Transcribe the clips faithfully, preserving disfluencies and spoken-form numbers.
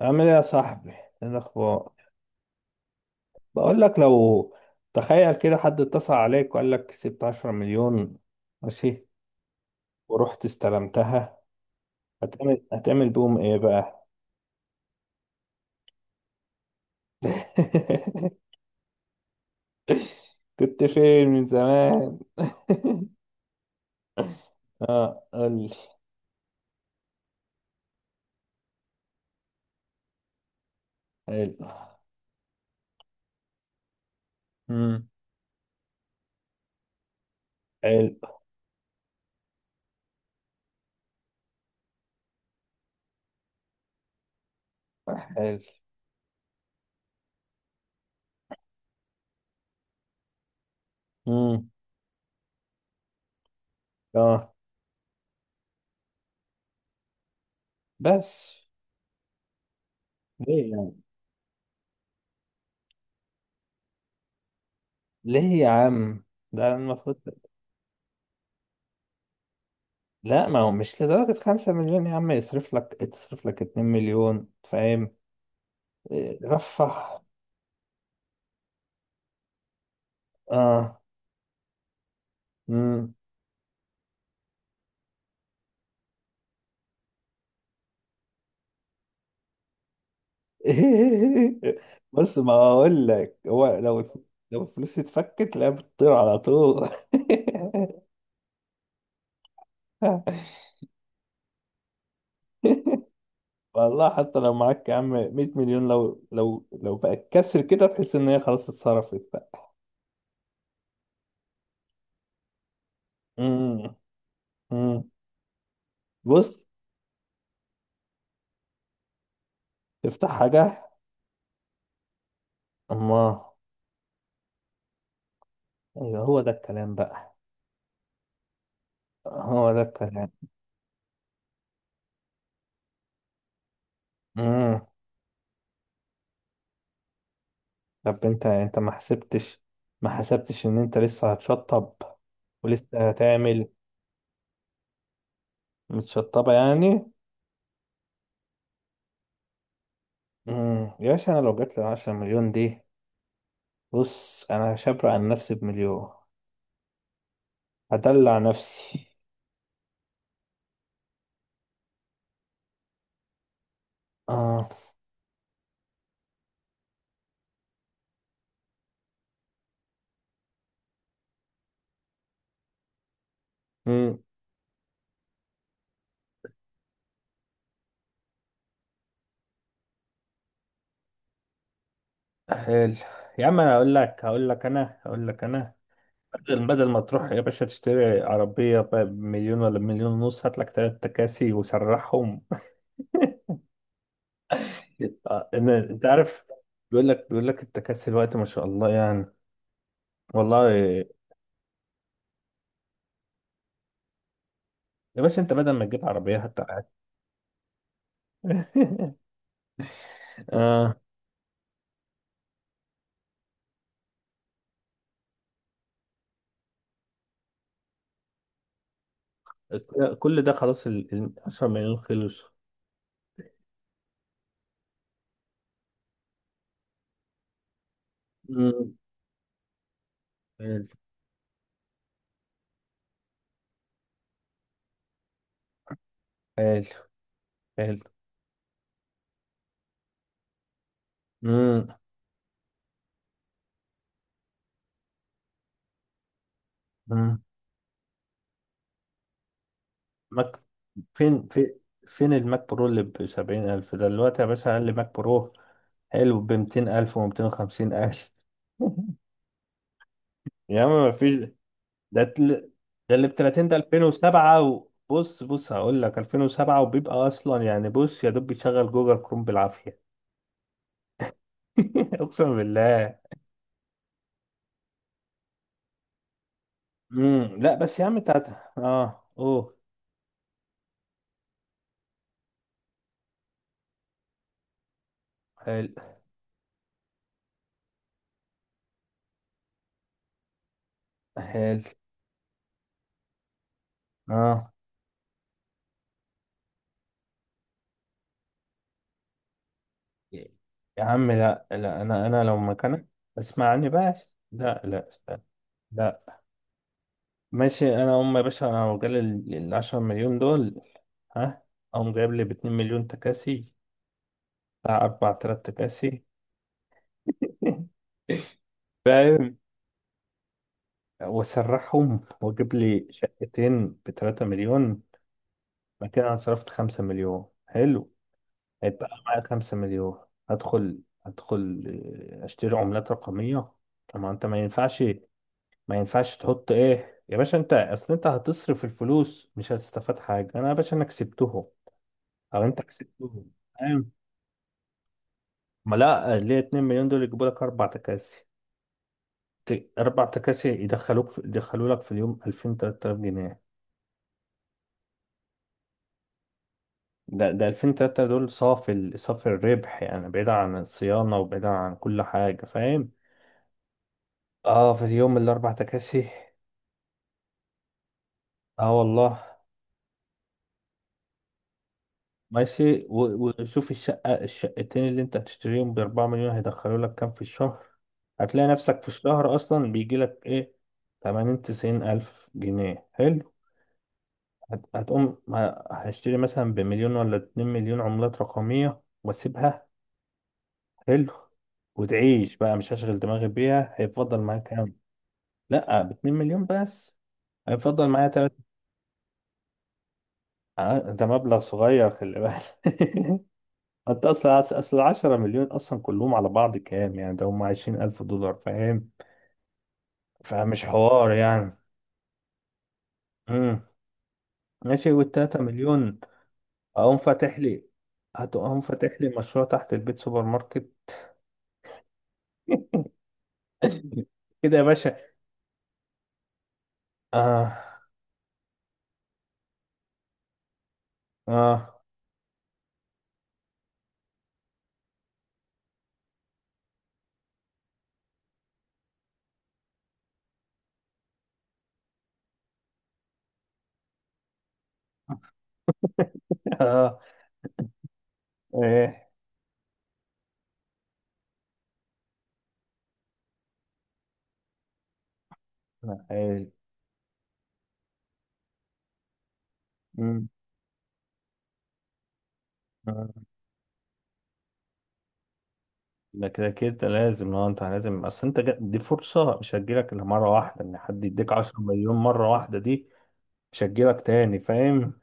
عامل ايه يا صاحبي؟ ايه الاخبار؟ بقول لك لو تخيل كده حد اتصل عليك وقال لك كسبت 10 مليون، ماشي. ورحت استلمتها. هتعمل هتعمل بيهم ايه بقى؟ كنت فين من زمان؟ اه، قول لي. حلو. امم. حلو. حلو. امم. اه، بس ليه يعني؟ ليه يا عم؟ ده المفروض. لا، ما هو مش لدرجة خمسة مليون يا عم، يصرف لك تصرف لك اتنين مليون، فاهم. رفح. اه. امم. بص، ما اقول لك هو لو الف- لو الفلوس اتفكت لا بتطير على طول. والله حتى لو معاك يا عم 100 مليون، لو لو لو بقت كسر كده تحس ان هي خلاص اتصرفت بقى. امم. امم. بص، افتح حاجه. اما. ايوه، هو ده الكلام بقى. هو ده الكلام. طب انت انت ما حسبتش، ما حسبتش ان انت لسه هتشطب؟ ولسه هتعمل. متشطبة يعني. امم. يا باشا انا لو جات لي 10 مليون دي، بص انا هشبر عن نفسي بمليون. هدلع نفسي. اه. امم. حلو. يا عم، انا هقول لك هقول لك انا هقول لك انا بدل بدل ما تروح يا باشا تشتري عربية ب- بمليون ولا بمليون ونص، هات لك تلات تكاسي وسرحهم. آه، إن- انت عارف، بيقول لك بيقول لك التكاسي الوقت ما شاء الله يعني. والله. يا باشا انت بدل ما تجيب عربية حتى. آه. كل ده خلاص، ال ال- 10 مليون خلص. مم. حلو. حلو. حلو. مم. مم. ماك. فين في فين الماك برو اللي ب سبعين ألف ده دلوقتي يا باشا؟ أقل ماك برو حلو ب ميتين ألف و ميتين وخمسين ألف. يا عم ما فيش. ده تل- ده اللي ب تلاتين ده ألفين وسبعة، وبص، بص بص هقول لك ألفين وسبعة وبيبقى أصلا يعني، بص، يا دوب بيشغل جوجل كروم بالعافية. اقسم بالله. امم. لا بس يا عم تاتا اه اوه. حلو. حلو. اه. يا عم، لا لا، انا انا لو مكانك اسمعني بس، لا لا، استنى. لا. ماشي. انا ام يا باشا، انا لو جالي ال ال 10 مليون دول، ها، اقوم جايب لي ب 2 مليون تكاسي بتاع اربعة الاف تاكسي تكاسي. فاهم؟ واسرحهم واجيب لي شقتين ب 3 مليون، مكان انا صرفت 5 مليون، حلو. هيبقى معايا خمسة مليون. هدخل هدخل آه، اشتري عملات رقمية. طب ما انت، ما ينفعش، ما ينفعش تحط ايه يا باشا، انت اصل انت هتصرف الفلوس مش هتستفاد حاجة. انا يا باشا انا كسبتهم او انت كسبتهم، فاهم. ما لا، ليه 2 مليون دول يجيبوا لك اربع تكاسي، ت- اربع تكاسي يدخلوك في... يدخلوا لك في اليوم ألفين تلات تلاف جنيه. ده ده ألفين ثلاثة آلاف دول صافي ال... صافي الربح يعني، بعيد عن الصيانة وبعيد عن كل حاجة، فاهم؟ اه في يوم الاربع تكاسي. اه والله. ماشي، و- وشوف الشقة الشقتين اللي انت هتشتريهم بأربعة مليون هيدخلوا لك كام في الشهر. هتلاقي نفسك في الشهر أصلا بيجي لك إيه، تمانين تسعين ألف جنيه، حلو. هت- هتقوم ه- هشتري مثلا بمليون ولا اتنين مليون عملات رقمية وأسيبها. حلو. وتعيش بقى، مش هشغل دماغي بيها. هيفضل معايا كام؟ لأ باتنين مليون بس. هيفضل معايا تلات. آه، ده مبلغ صغير، خلي بالك. انت اصلا اصل 10 مليون اصلا كلهم على بعض كام يعني، ده هم عشرين ألف الف دولار، فاهم. فمش حوار يعني. امم. ماشي. وال 3 مليون؟ اقوم فاتح لي هتقوم فاتح لي مشروع تحت البيت، سوبر ماركت. كده يا باشا. اه. اه. اه. ايه. لا، حلو. أمم. آه. ده كده كده لازم، اه انت لازم، اصل انت جا- دي فرصة مش هتجيلك الا مرة واحدة، ان حد يديك 10 مليون مرة واحدة دي مش هتجيلك تاني، فاهم.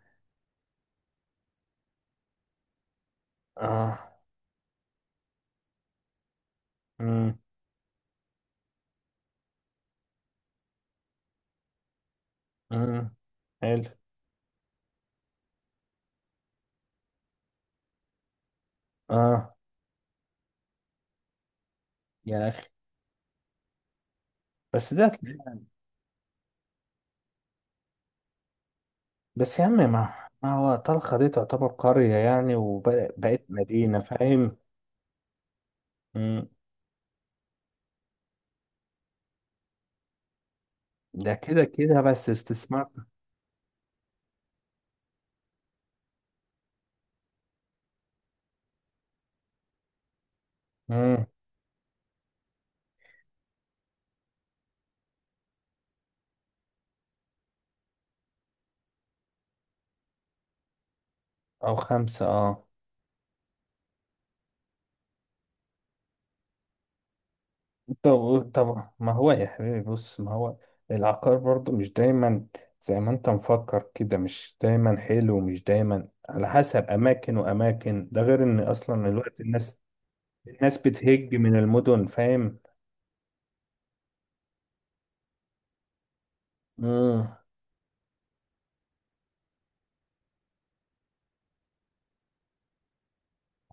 اه. مم. امم. حلو. اه. يا اخي. بس ده. بس يا عم، ما ما هو طلخة دي تعتبر قرية يعني وبقت مدينة، فاهم. امم. ده كده كده بس استثمار. امم. او خمسة اه. طب طب ما هو يا حبيبي، بص ما هو العقار برضو مش دايما زي ما انت مفكر كده، مش دايما حلو ومش دايما على حسب اماكن واماكن، ده غير ان اصلا الوقت الناس، الناس بتهج من المدن، فاهم. امم.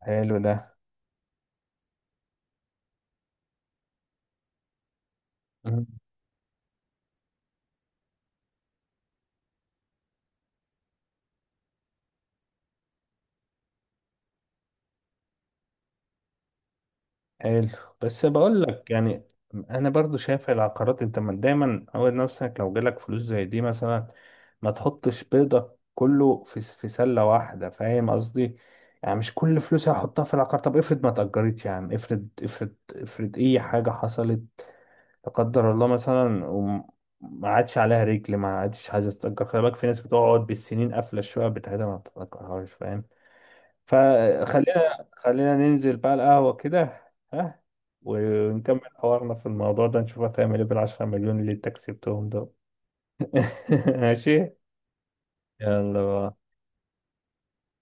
حلو ده. مم. حلو. بس بقول لك يعني، انا برضو شايف العقارات. انت ما- دايما عود نفسك لو جالك فلوس زي دي مثلا، ما تحطش بيضك كله في س- في سلة واحدة، فاهم قصدي. يعني مش كل فلوسي هحطها في العقار. طب افرض ما اتأجرتش يا عم، افرض افرض افرض اي حاجة حصلت، لا قدر الله، مثلا وما عادش عليها رجل، ما عادش عايزة تتأجر. خلي بالك في ناس بتقعد بالسنين قافلة الشقة بتاعتها ما بتتأجرهاش، فاهم؟ فخلينا، خلينا ننزل بقى القهوة كده. ها. ونكمل حوارنا في الموضوع ده نشوف هتعمل ايه بالعشرة مليون اللي انت كسبتهم دول. ماشي. يلا بقى.